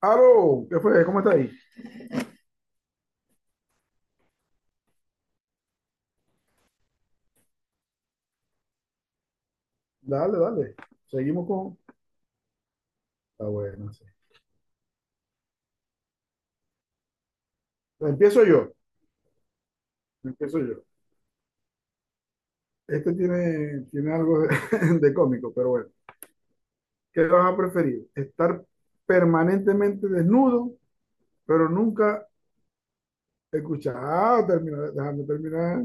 Aló, ¿qué fue? ¿Cómo está ahí? Dale, dale. Seguimos con. Está bueno, sí. Empiezo yo. Empiezo yo. Este tiene algo de, de cómico, pero bueno. ¿Qué vas a preferir? ¿Estar permanentemente desnudo, pero nunca escuchar? Ah, déjame terminar.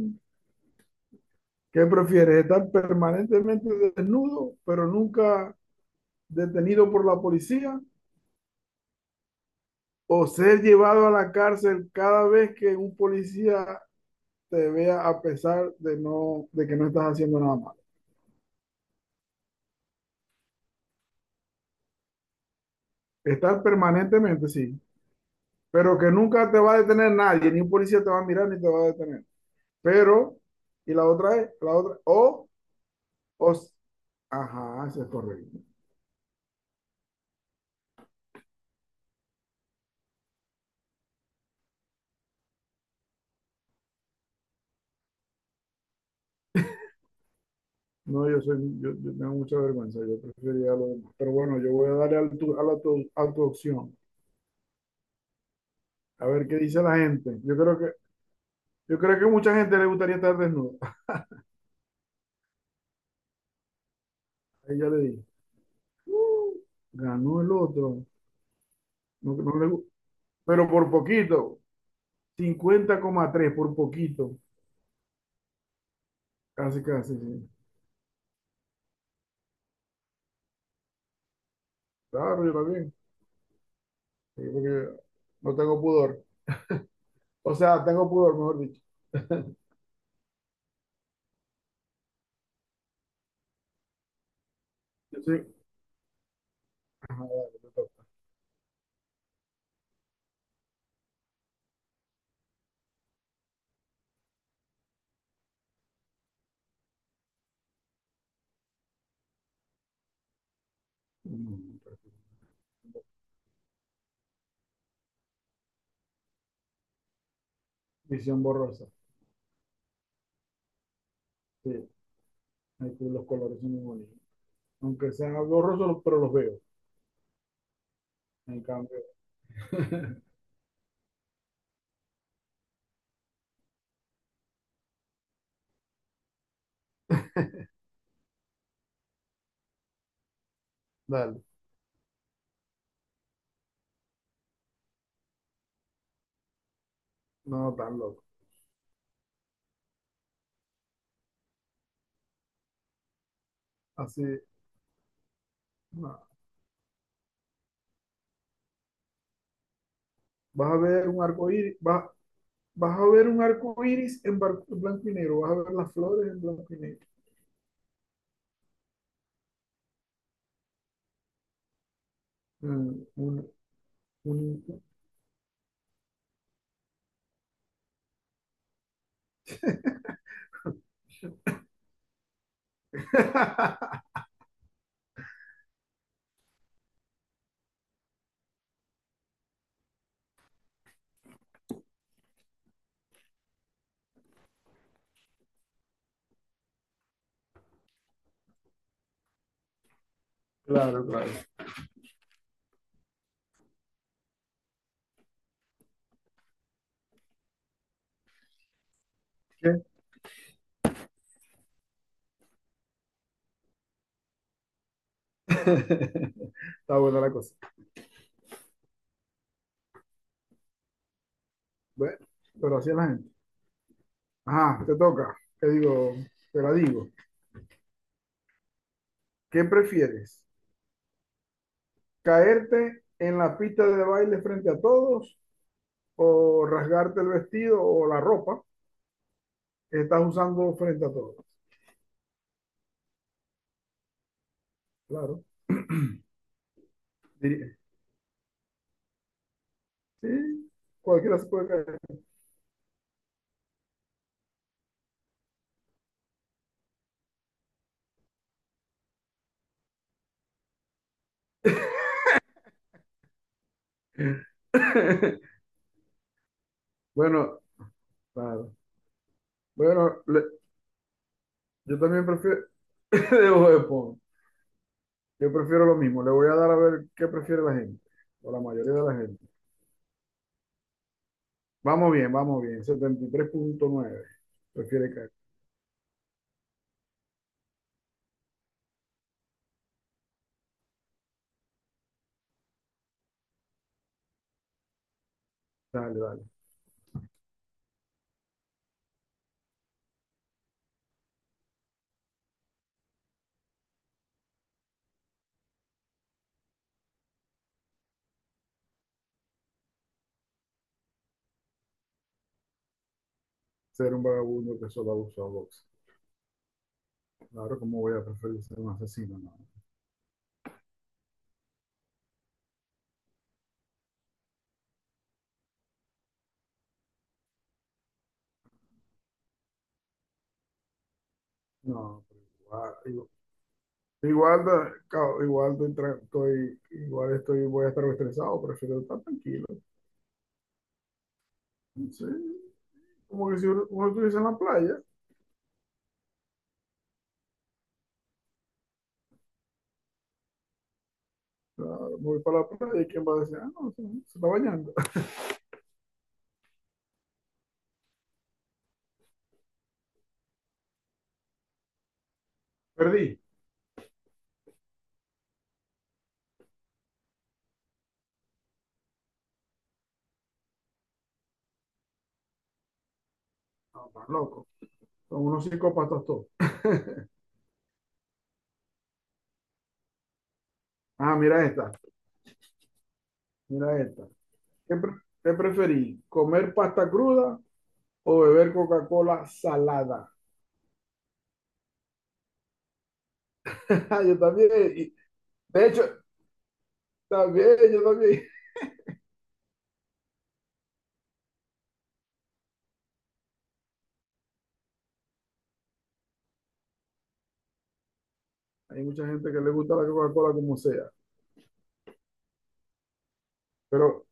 ¿Qué prefieres? ¿Estar permanentemente desnudo, pero nunca detenido por la policía? ¿O ser llevado a la cárcel cada vez que un policía te vea a pesar de que no estás haciendo nada malo? Estar permanentemente, sí, pero que nunca te va a detener nadie, ni un policía te va a mirar ni te va a detener. Pero, y la otra, o, ajá, eso es correcto. No, yo tengo mucha vergüenza, yo preferiría lo demás. Pero bueno, yo voy a darle al tu- a la tu- a tu opción, a ver qué dice la gente. Yo creo que mucha gente le gustaría estar desnuda. Ahí ya le dije: "Uh, ganó el otro, no, pero por poquito. 50,3, por poquito, casi, casi. Sí. Claro, yo también, sí, porque no tengo pudor. O sea, tengo pudor, mejor dicho. Yo soy- Ajá, dale, te toca. Mm, Visión borrosa. Sí, ahí tú los colores son muy bonitos. Aunque sean borrosos, pero los veo. En cambio, dale, no tan loco. Así, no. Vas a ver un arco iris, vas a ver un arco iris en blanco y negro, vas a ver las flores en blanco y negro. Mm, un- un- Claro, claro. ¿Qué? Está buena la cosa. Bueno, pero así es la gente. Ajá, te toca. Te la digo. ¿Qué prefieres? ¿Caerte en la pista de baile frente a todos o rasgarte el vestido o la ropa que estás usando frente a todos? Claro, diría. Sí, cualquiera se puede caer. Bueno, claro. Bueno, yo también prefiero de Bob Esponja. Yo prefiero lo mismo. Le voy a dar a ver qué prefiere la gente, o la mayoría de la gente. Vamos bien, vamos bien. 73.9. Prefiere que. Dale, dale. Ser un vagabundo que solo abusa a box. Claro, ¿cómo voy a preferir ser un asesino? No, no, pero igual, igual estoy, voy a estar estresado, prefiero estar tranquilo. Sí, como que si uno estuviese en la playa, claro, me voy para la playa y quién va a decir: "Ah, no, se está bañando". Perdí. No, tan loco. Son unos psicópatas todos. Ah, mira esta, mira esta. ¿Qué preferí? ¿Comer pasta cruda o beber Coca-Cola salada? Yo también, y- de hecho, yo también. Hay mucha gente que le gusta la Coca-Cola como sea, pero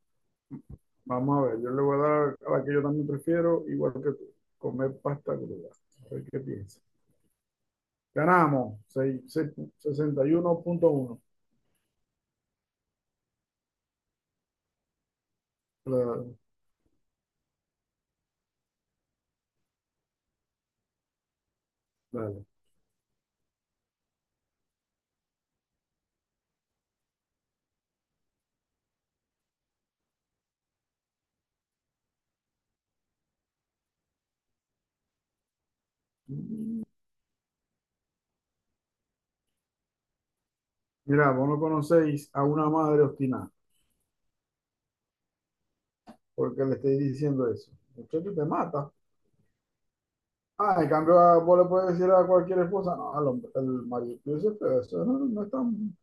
vamos a ver, yo le voy a dar a la que yo también prefiero, igual que tú, comer pasta cruda. A ver qué piensa. Ganamos, 61.1. Claro, claro. Mira, vos no conocéis a una madre obstinada, porque le estoy diciendo eso. Muchacho, te mata. Ah, en cambio, vos le puedes decir a cualquier esposa, no, al hombre, el marido, yo sé, pero eso no, no es tan.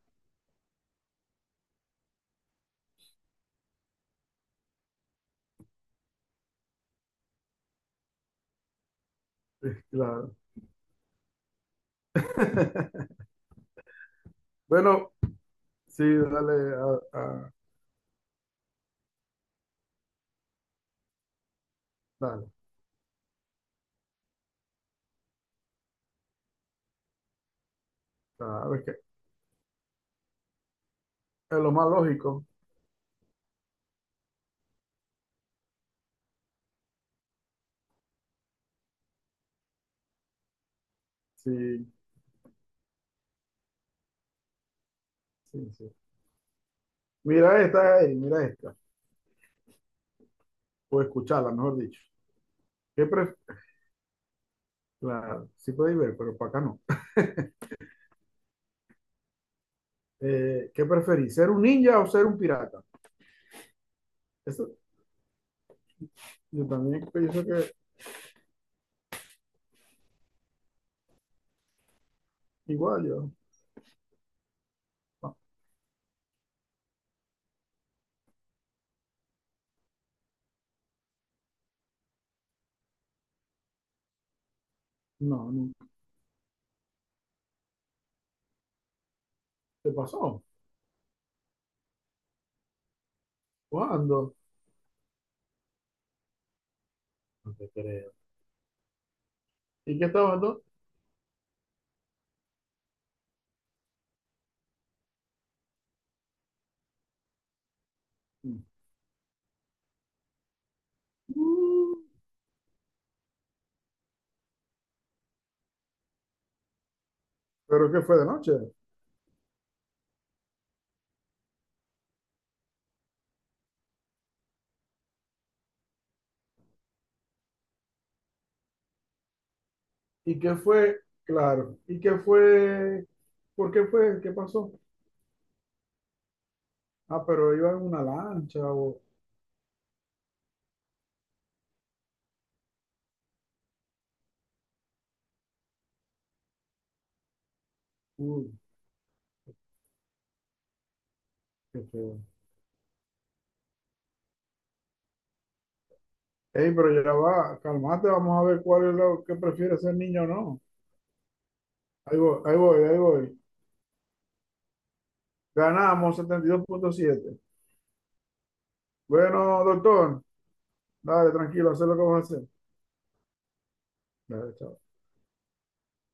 Sí, claro. Bueno, sí, dale, dale, a ver qué. Es lo más lógico. Sí, sí, sí. Mira esta, ey, mira esta. O escucharla, mejor dicho. ¿Qué pref Claro, sí podéis ver, pero para acá no. ¿Qué preferís, ser un ninja o ser un pirata? Eso, yo también pienso que igual yo. No, no. ¿Qué pasó? ¿Cuándo? No te creo. ¿Y qué estabas tú? Mm, ¿Pero qué fue de noche? ¿Y qué fue? Claro. ¿Y qué fue? ¿Por qué fue? ¿Qué pasó? Ah, pero iba en una lancha o. Uy, qué feo. Ey, pero ya va, calmate, vamos a ver cuál es lo que prefiere ser niño o no. Ahí voy, ahí voy, ahí voy. Ganamos 72,7. Bueno, doctor, dale, tranquilo, haz lo que vas a hacer. Dale, chao.